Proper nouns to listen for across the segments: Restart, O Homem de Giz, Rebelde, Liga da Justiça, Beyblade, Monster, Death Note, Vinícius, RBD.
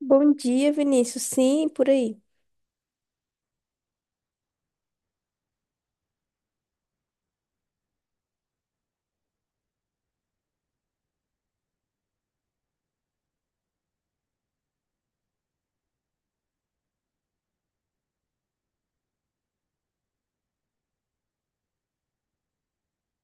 Bom dia, Vinícius. Sim, por aí.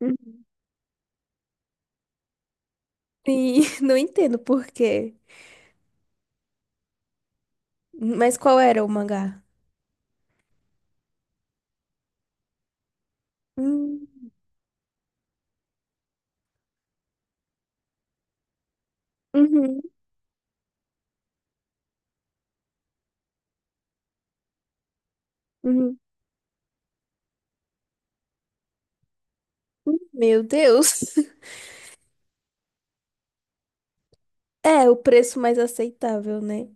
Uhum. Sim, não entendo por quê. Mas qual era o mangá? Hum, uhum, uhum. Meu Deus. É, o preço mais aceitável, né?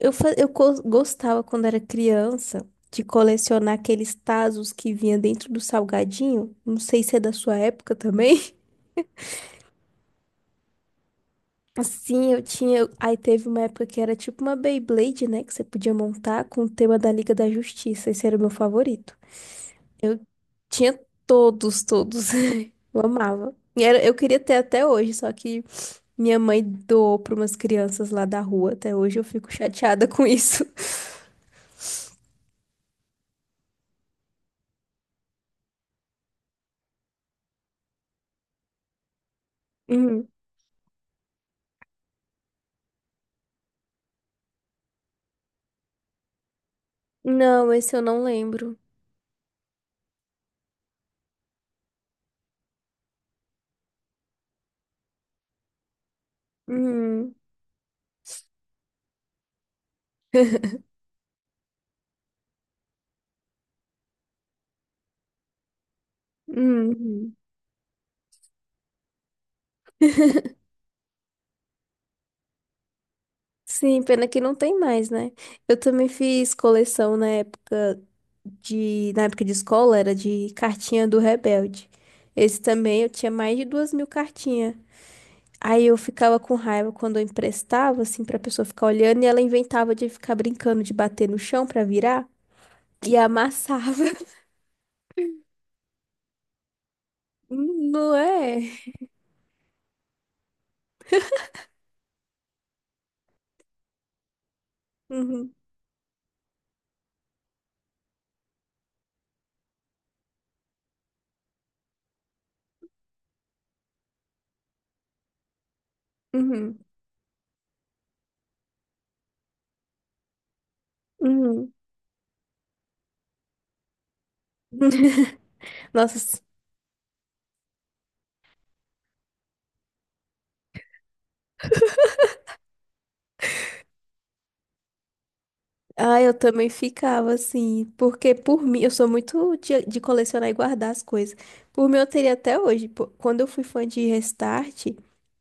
Eu, fa- eu co- gostava quando era criança de colecionar aqueles tazos que vinha dentro do salgadinho. Não sei se é da sua época também. Assim, eu tinha. Aí teve uma época que era tipo uma Beyblade, né? Que você podia montar com o tema da Liga da Justiça. Esse era o meu favorito. Eu tinha todos, todos. Eu amava. E eu queria ter até hoje, só que minha mãe doou para umas crianças lá da rua. Até hoje eu fico chateada com isso. Uhum. Não, esse eu não lembro. Uhum. Uhum. Sim, pena que não tem mais, né? Eu também fiz coleção na época na época de escola, era de cartinha do Rebelde. Esse também eu tinha mais de 2.000 cartinhas. Aí eu ficava com raiva quando eu emprestava, assim, pra pessoa ficar olhando, e ela inventava de ficar brincando de bater no chão pra virar e amassava. Não é? Uhum, uhum, uhum. Nossa, ah, eu também ficava assim, porque por mim, eu sou muito de colecionar e guardar as coisas. Por mim, eu teria até hoje. Pô, quando eu fui fã de Restart,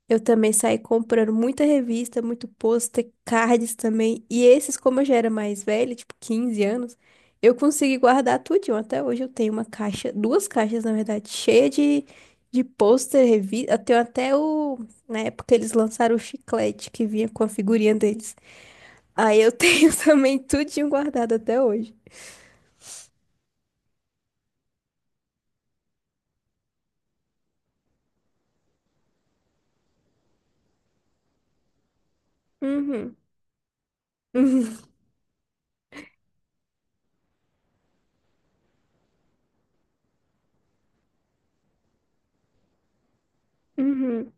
eu também saí comprando muita revista, muito pôster, cards também. E esses, como eu já era mais velha, tipo 15 anos, eu consegui guardar tudinho. Até hoje eu tenho uma caixa, duas caixas, na verdade, cheia de pôster, revista. Eu tenho até o. Na época eles lançaram o chiclete que vinha com a figurinha deles. Aí eu tenho também tudinho guardado até hoje. Uhum. Uhum. Uhum.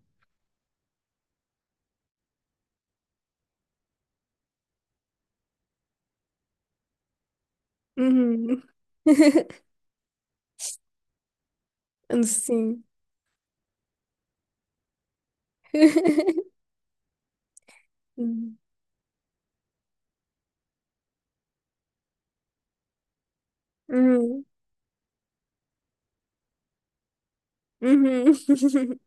Uhum. Sim. Uhum. Uhum. Uhum.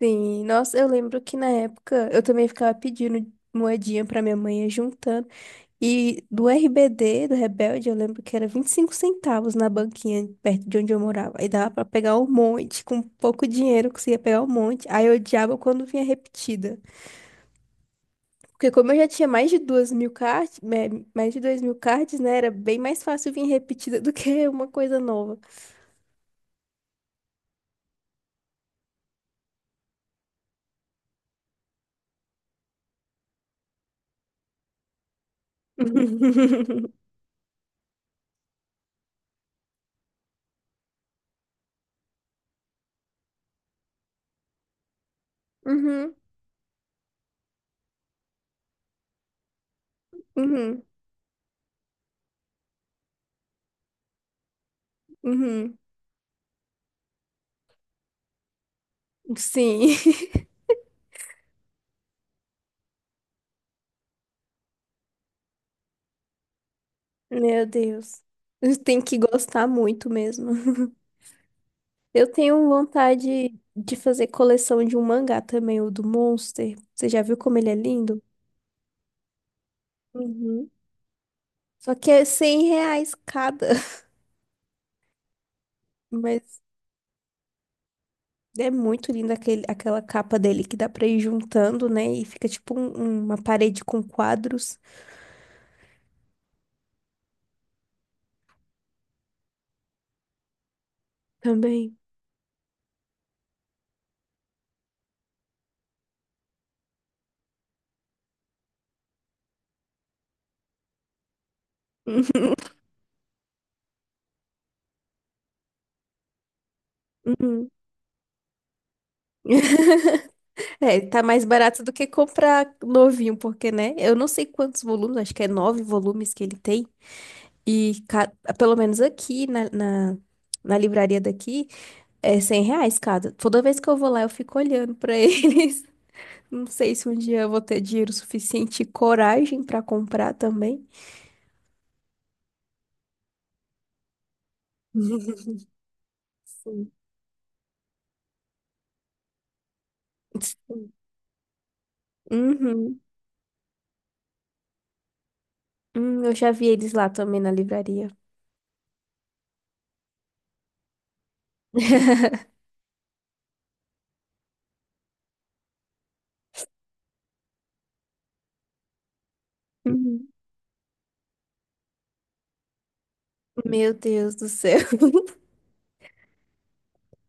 Sim. Nossa, eu lembro que na época eu também ficava pedindo moedinha pra minha mãe ia juntando. E do RBD, do Rebelde, eu lembro que era 25 centavos na banquinha perto de onde eu morava. Aí dava pra pegar um monte, com pouco dinheiro eu conseguia pegar um monte. Aí eu odiava quando vinha repetida. Porque como eu já tinha mais de 2.000 cards, mais de 2.000 cards, né? Era bem mais fácil vir repetida do que uma coisa nova. Uhum, uhum, uhum. Sim. Meu Deus. Tem que gostar muito mesmo. Eu tenho vontade de fazer coleção de um mangá também, o do Monster. Você já viu como ele é lindo? Uhum. Só que é R$ 100 cada. Mas é muito linda aquele, aquela capa dele que dá pra ir juntando, né? E fica tipo uma parede com quadros também. Uhum. É, tá mais barato do que comprar novinho, porque, né? Eu não sei quantos volumes, acho que é nove volumes que ele tem. E pelo menos aqui na livraria daqui é R$ 100 cada. Toda vez que eu vou lá, eu fico olhando pra eles. Não sei se um dia eu vou ter dinheiro suficiente e coragem pra comprar também. Sim. Sim. Uhum. Eu já vi eles lá também na livraria. Uhum. Meu Deus do céu.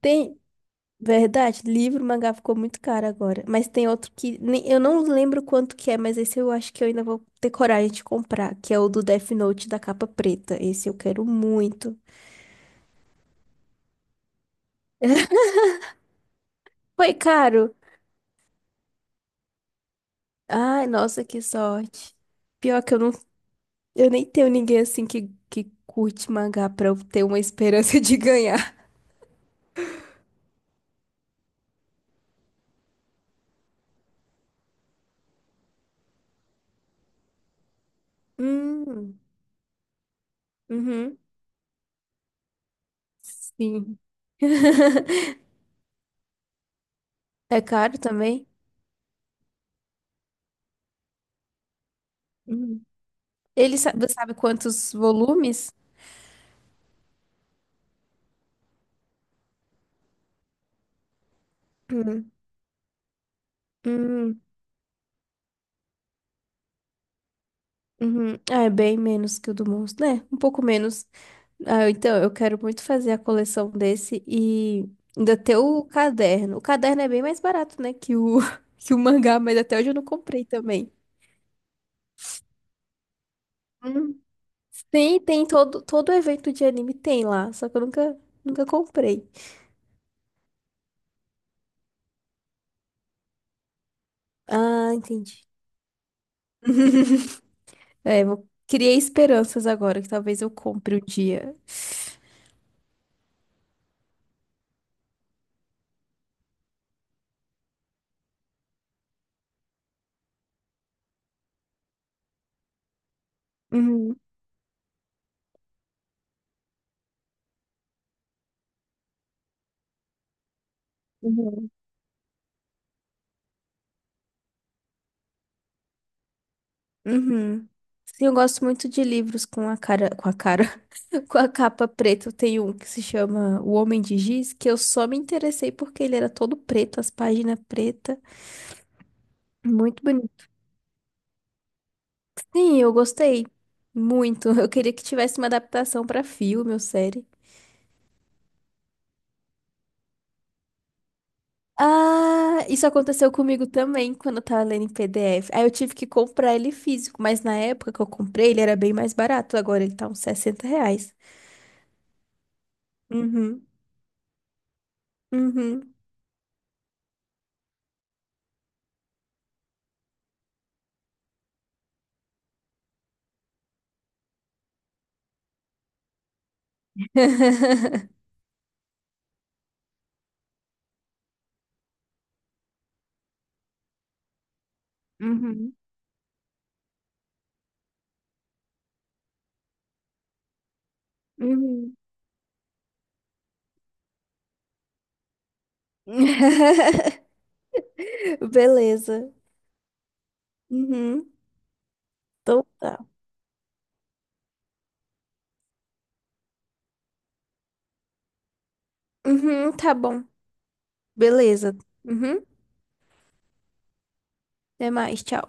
Tem, verdade, livro, mangá ficou muito caro agora. Mas tem outro que eu não lembro quanto que é, mas esse eu acho que eu ainda vou ter coragem de comprar, que é o do Death Note da capa preta. Esse eu quero muito. Foi caro. Ai, nossa, que sorte. Pior que eu nem tenho ninguém assim que, curte mangá pra eu ter uma esperança de ganhar. Hum, uhum. Sim. É caro também? Uhum. Você sabe quantos volumes? Uhum. Uhum. Uhum. Ah, é bem menos que o do Monstro, né? Um pouco menos. Ah, então, eu quero muito fazer a coleção desse e ainda ter o caderno. O caderno é bem mais barato, né, que o, que o mangá, mas até hoje eu não comprei também. Hum. Sim, tem todo evento de anime tem lá, só que eu nunca, nunca comprei. Ah, entendi. É, vou. Criei esperanças agora, que talvez eu compre um dia. Uhum, uhum, uhum. Sim, eu gosto muito de livros com a cara, com a capa preta. Eu tenho um que se chama O Homem de Giz, que eu só me interessei porque ele era todo preto, as páginas pretas. Muito bonito. Sim, eu gostei muito. Eu queria que tivesse uma adaptação pra filme ou série. Ah, isso aconteceu comigo também quando eu tava lendo em PDF. Aí eu tive que comprar ele físico, mas na época que eu comprei ele era bem mais barato. Agora ele tá uns R$ 60. Uhum, uhum. Uhum, uhum. Beleza. Uhum, então tá. Uhum, tá bom. Beleza. Uhum, até mais, tchau.